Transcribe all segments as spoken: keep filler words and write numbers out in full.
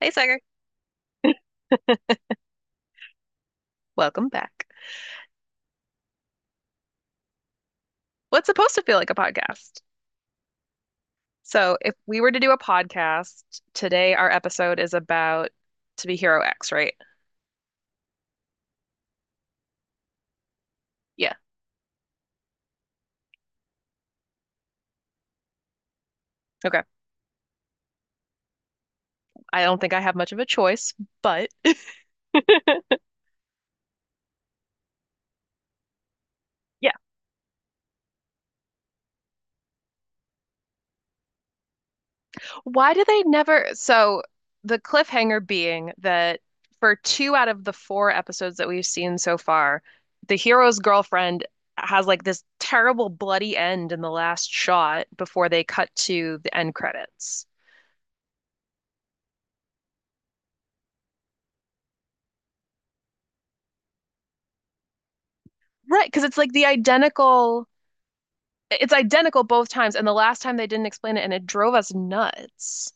Hey, Sagar. Welcome back. What's supposed to feel like a podcast? So, if we were to do a podcast today, our episode is about To Be Hero X, right? Yeah. Okay. I don't think I have much of a choice, but yeah. Why do they never? So, the cliffhanger being that for two out of the four episodes that we've seen so far, the hero's girlfriend has like this terrible bloody end in the last shot before they cut to the end credits. Right, because it's like the identical, it's identical both times, and the last time they didn't explain it, and it drove us nuts.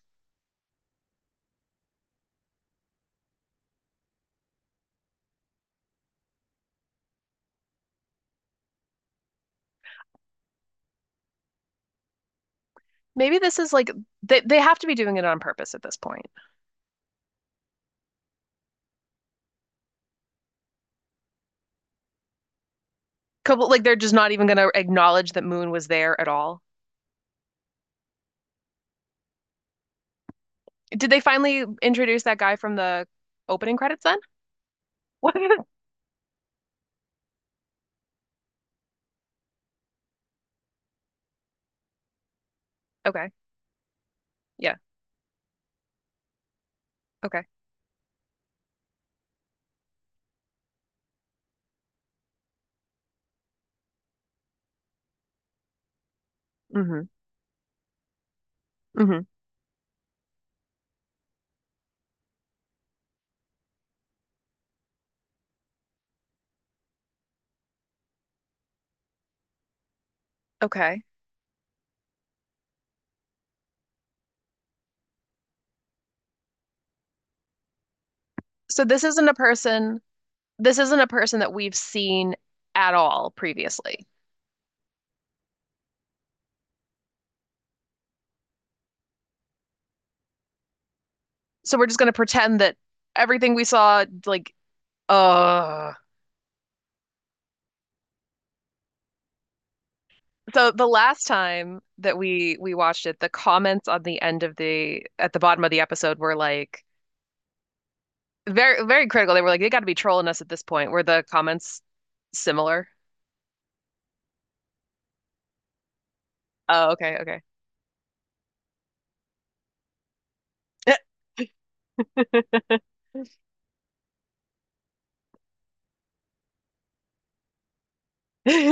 Maybe this is like they they have to be doing it on purpose at this point. Couple like they're just not even going to acknowledge that Moon was there at all. Did they finally introduce that guy from the opening credits then? What? Okay. Yeah. Okay. Mm-hmm. Mm-hmm. Okay. So this isn't a person, this isn't a person that we've seen at all previously. So we're just going to pretend that everything we saw like— Oh, so the last time that we we watched it, the comments on the end of the at the bottom of the episode were like very very critical. They were like, they got to be trolling us at this point. Were the comments similar? Oh, okay, okay.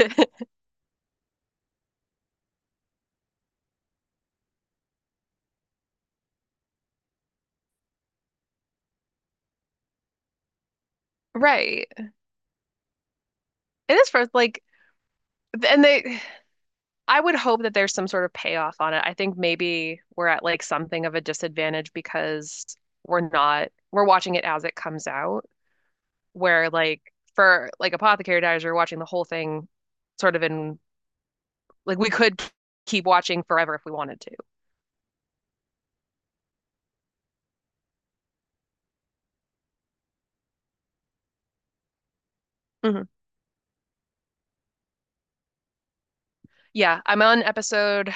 Right. It is first like and they— I would hope that there's some sort of payoff on it. I think maybe we're at like something of a disadvantage because we're not we're watching it as it comes out, where like for like Apothecary Diaries, you're watching the whole thing sort of in— like we could keep watching forever if we wanted to. Mhm. Yeah, I'm on episode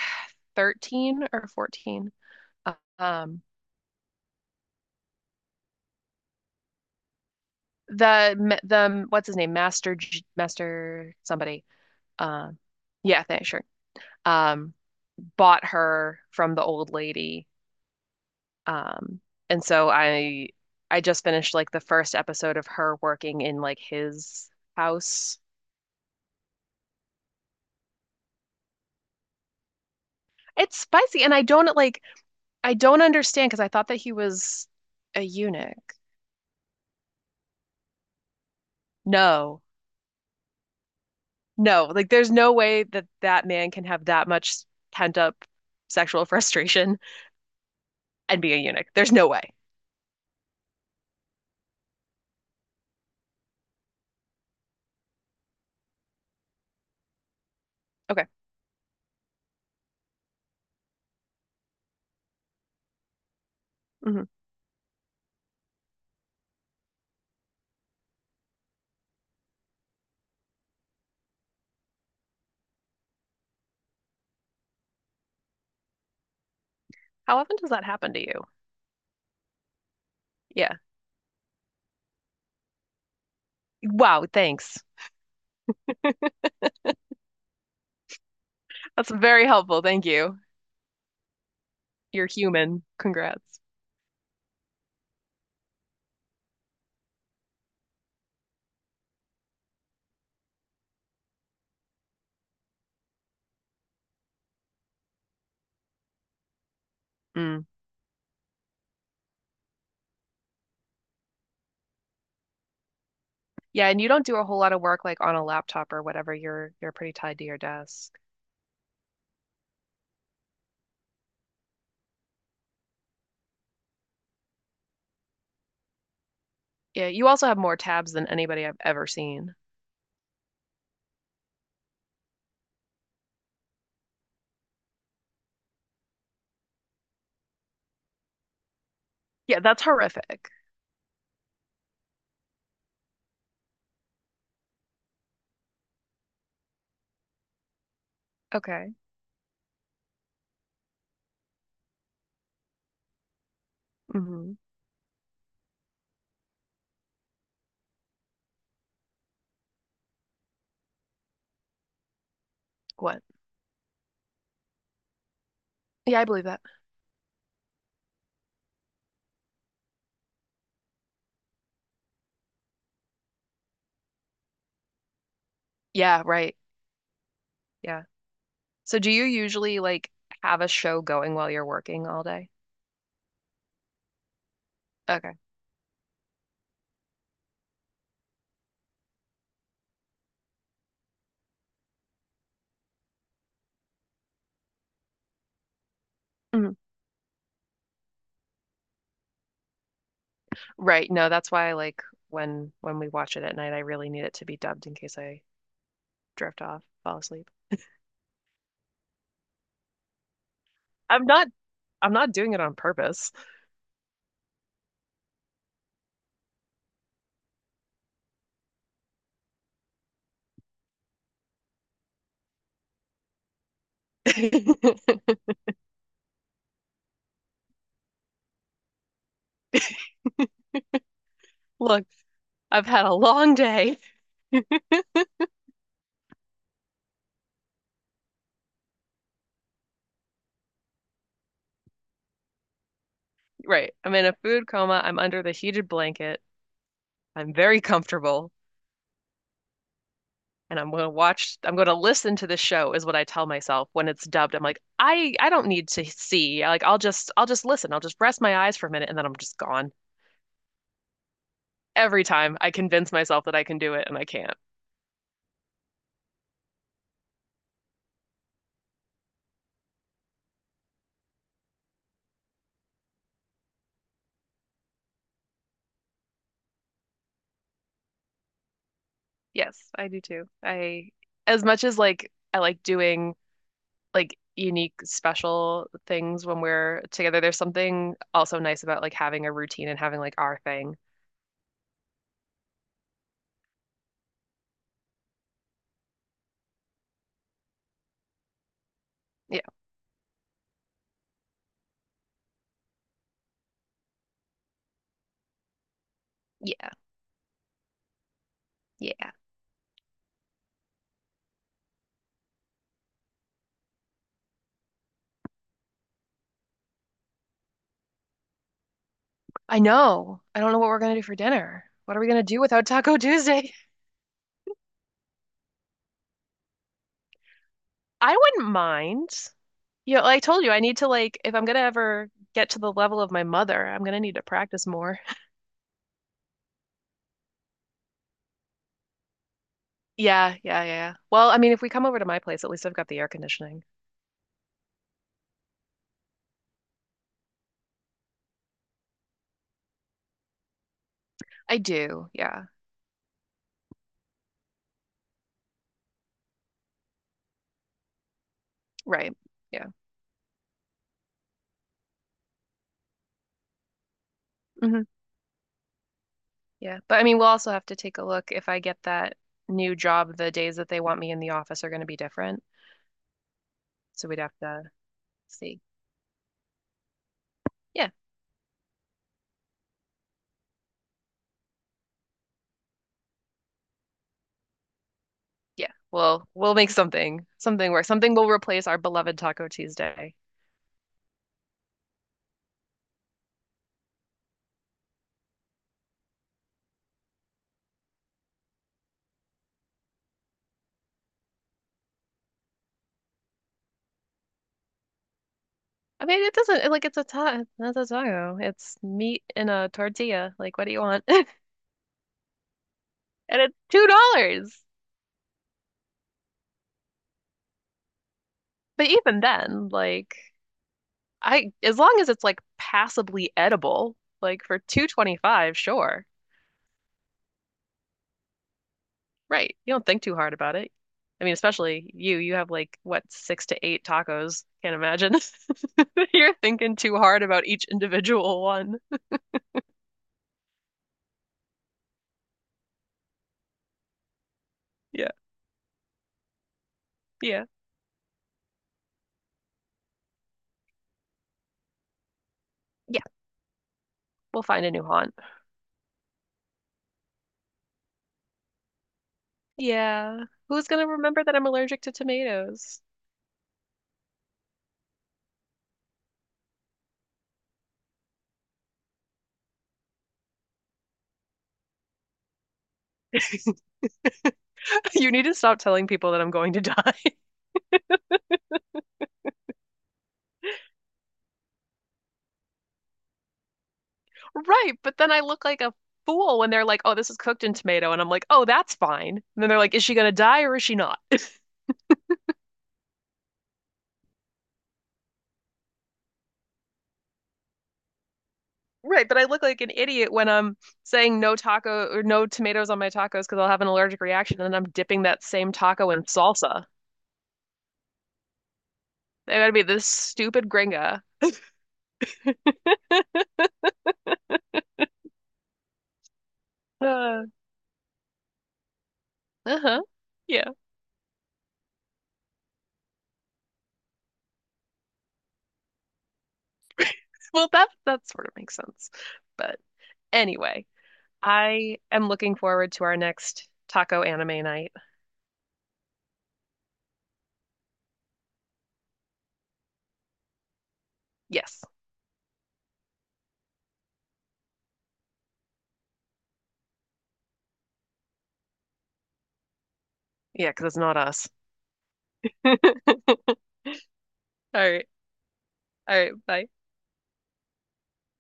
thirteen or fourteen. Um, the the what's his name, Master G- Master somebody. Um, uh, yeah, thanks, sure. Um, bought her from the old lady. Um, and so I I just finished like the first episode of her working in like his house. It's spicy, and I don't like I don't understand because I thought that he was a eunuch. No. No, like there's no way that that man can have that much pent up sexual frustration and be a eunuch. There's no way. Okay. Hmm. How often does that happen to you? Yeah. Wow, thanks. That's very helpful. Thank you. You're human. Congrats. Mm. Yeah, and you don't do a whole lot of work like on a laptop or whatever. You're you're pretty tied to your desk. Yeah, you also have more tabs than anybody I've ever seen. Yeah, that's horrific. Okay. Hmm. What? Yeah, I believe that. Yeah, right. Yeah. So do you usually like have a show going while you're working all day? Okay. Hmm. Right. No, that's why I like when when we watch it at night, I really need it to be dubbed in case I drift off, fall asleep. I'm not I'm not doing it on purpose. Look, I've had a long day. Right. I'm in a food coma. I'm under the heated blanket. I'm very comfortable, and I'm going to watch, I'm going to listen to the show is what I tell myself when it's dubbed. I'm like, I I don't need to see. Like I'll just I'll just listen. I'll just rest my eyes for a minute and then I'm just gone. Every time I convince myself that I can do it and I can't. Yes, I do too. I— as much as like I like doing like unique special things when we're together, there's something also nice about like having a routine and having like our thing. Yeah. Yeah. Yeah. I know. I don't know what we're going to do for dinner. What are we going to do without Taco Tuesday? I wouldn't mind. You know, I told you I need to like if I'm gonna ever get to the level of my mother, I'm gonna need to practice more. Yeah, yeah, yeah. Well, I mean, if we come over to my place, at least I've got the air conditioning. I do. Yeah. Right. Yeah. Hmm. Yeah. But I mean, we'll also have to take a look if I get that new job, the days that they want me in the office are going to be different. So we'd have to see. Yeah. Yeah. We'll we'll make something something work. Something will replace our beloved Taco Tuesday. I mean, it doesn't like— it's a ta— not a taco. It's meat in a tortilla. Like, what do you want? And it's two dollars. But even then, like, I— as long as it's like passably edible, like for two twenty-five, sure. Right. You don't think too hard about it. I mean, especially you. You have like what, six to eight tacos. Can't imagine. You're thinking too hard about each individual one. Yeah. Yeah. Yeah. We'll find a new haunt. Yeah. Who's gonna remember that I'm allergic to tomatoes? You need to stop telling people that I'm going to die. Right, but then I look like a fool when they're like, "Oh, this is cooked in tomato." And I'm like, "Oh, that's fine." And then they're like, "Is she going to die or is she not?" Right, but I look like an idiot when I'm saying no taco or no tomatoes on my tacos because I'll have an allergic reaction and then I'm dipping that same taco in salsa. I gotta be this stupid gringa. Uh, uh-huh. Yeah. Well, that that sort of makes sense. But anyway, I am looking forward to our next taco anime night. Yes. Yeah, because it's not us. All right. All right. Bye.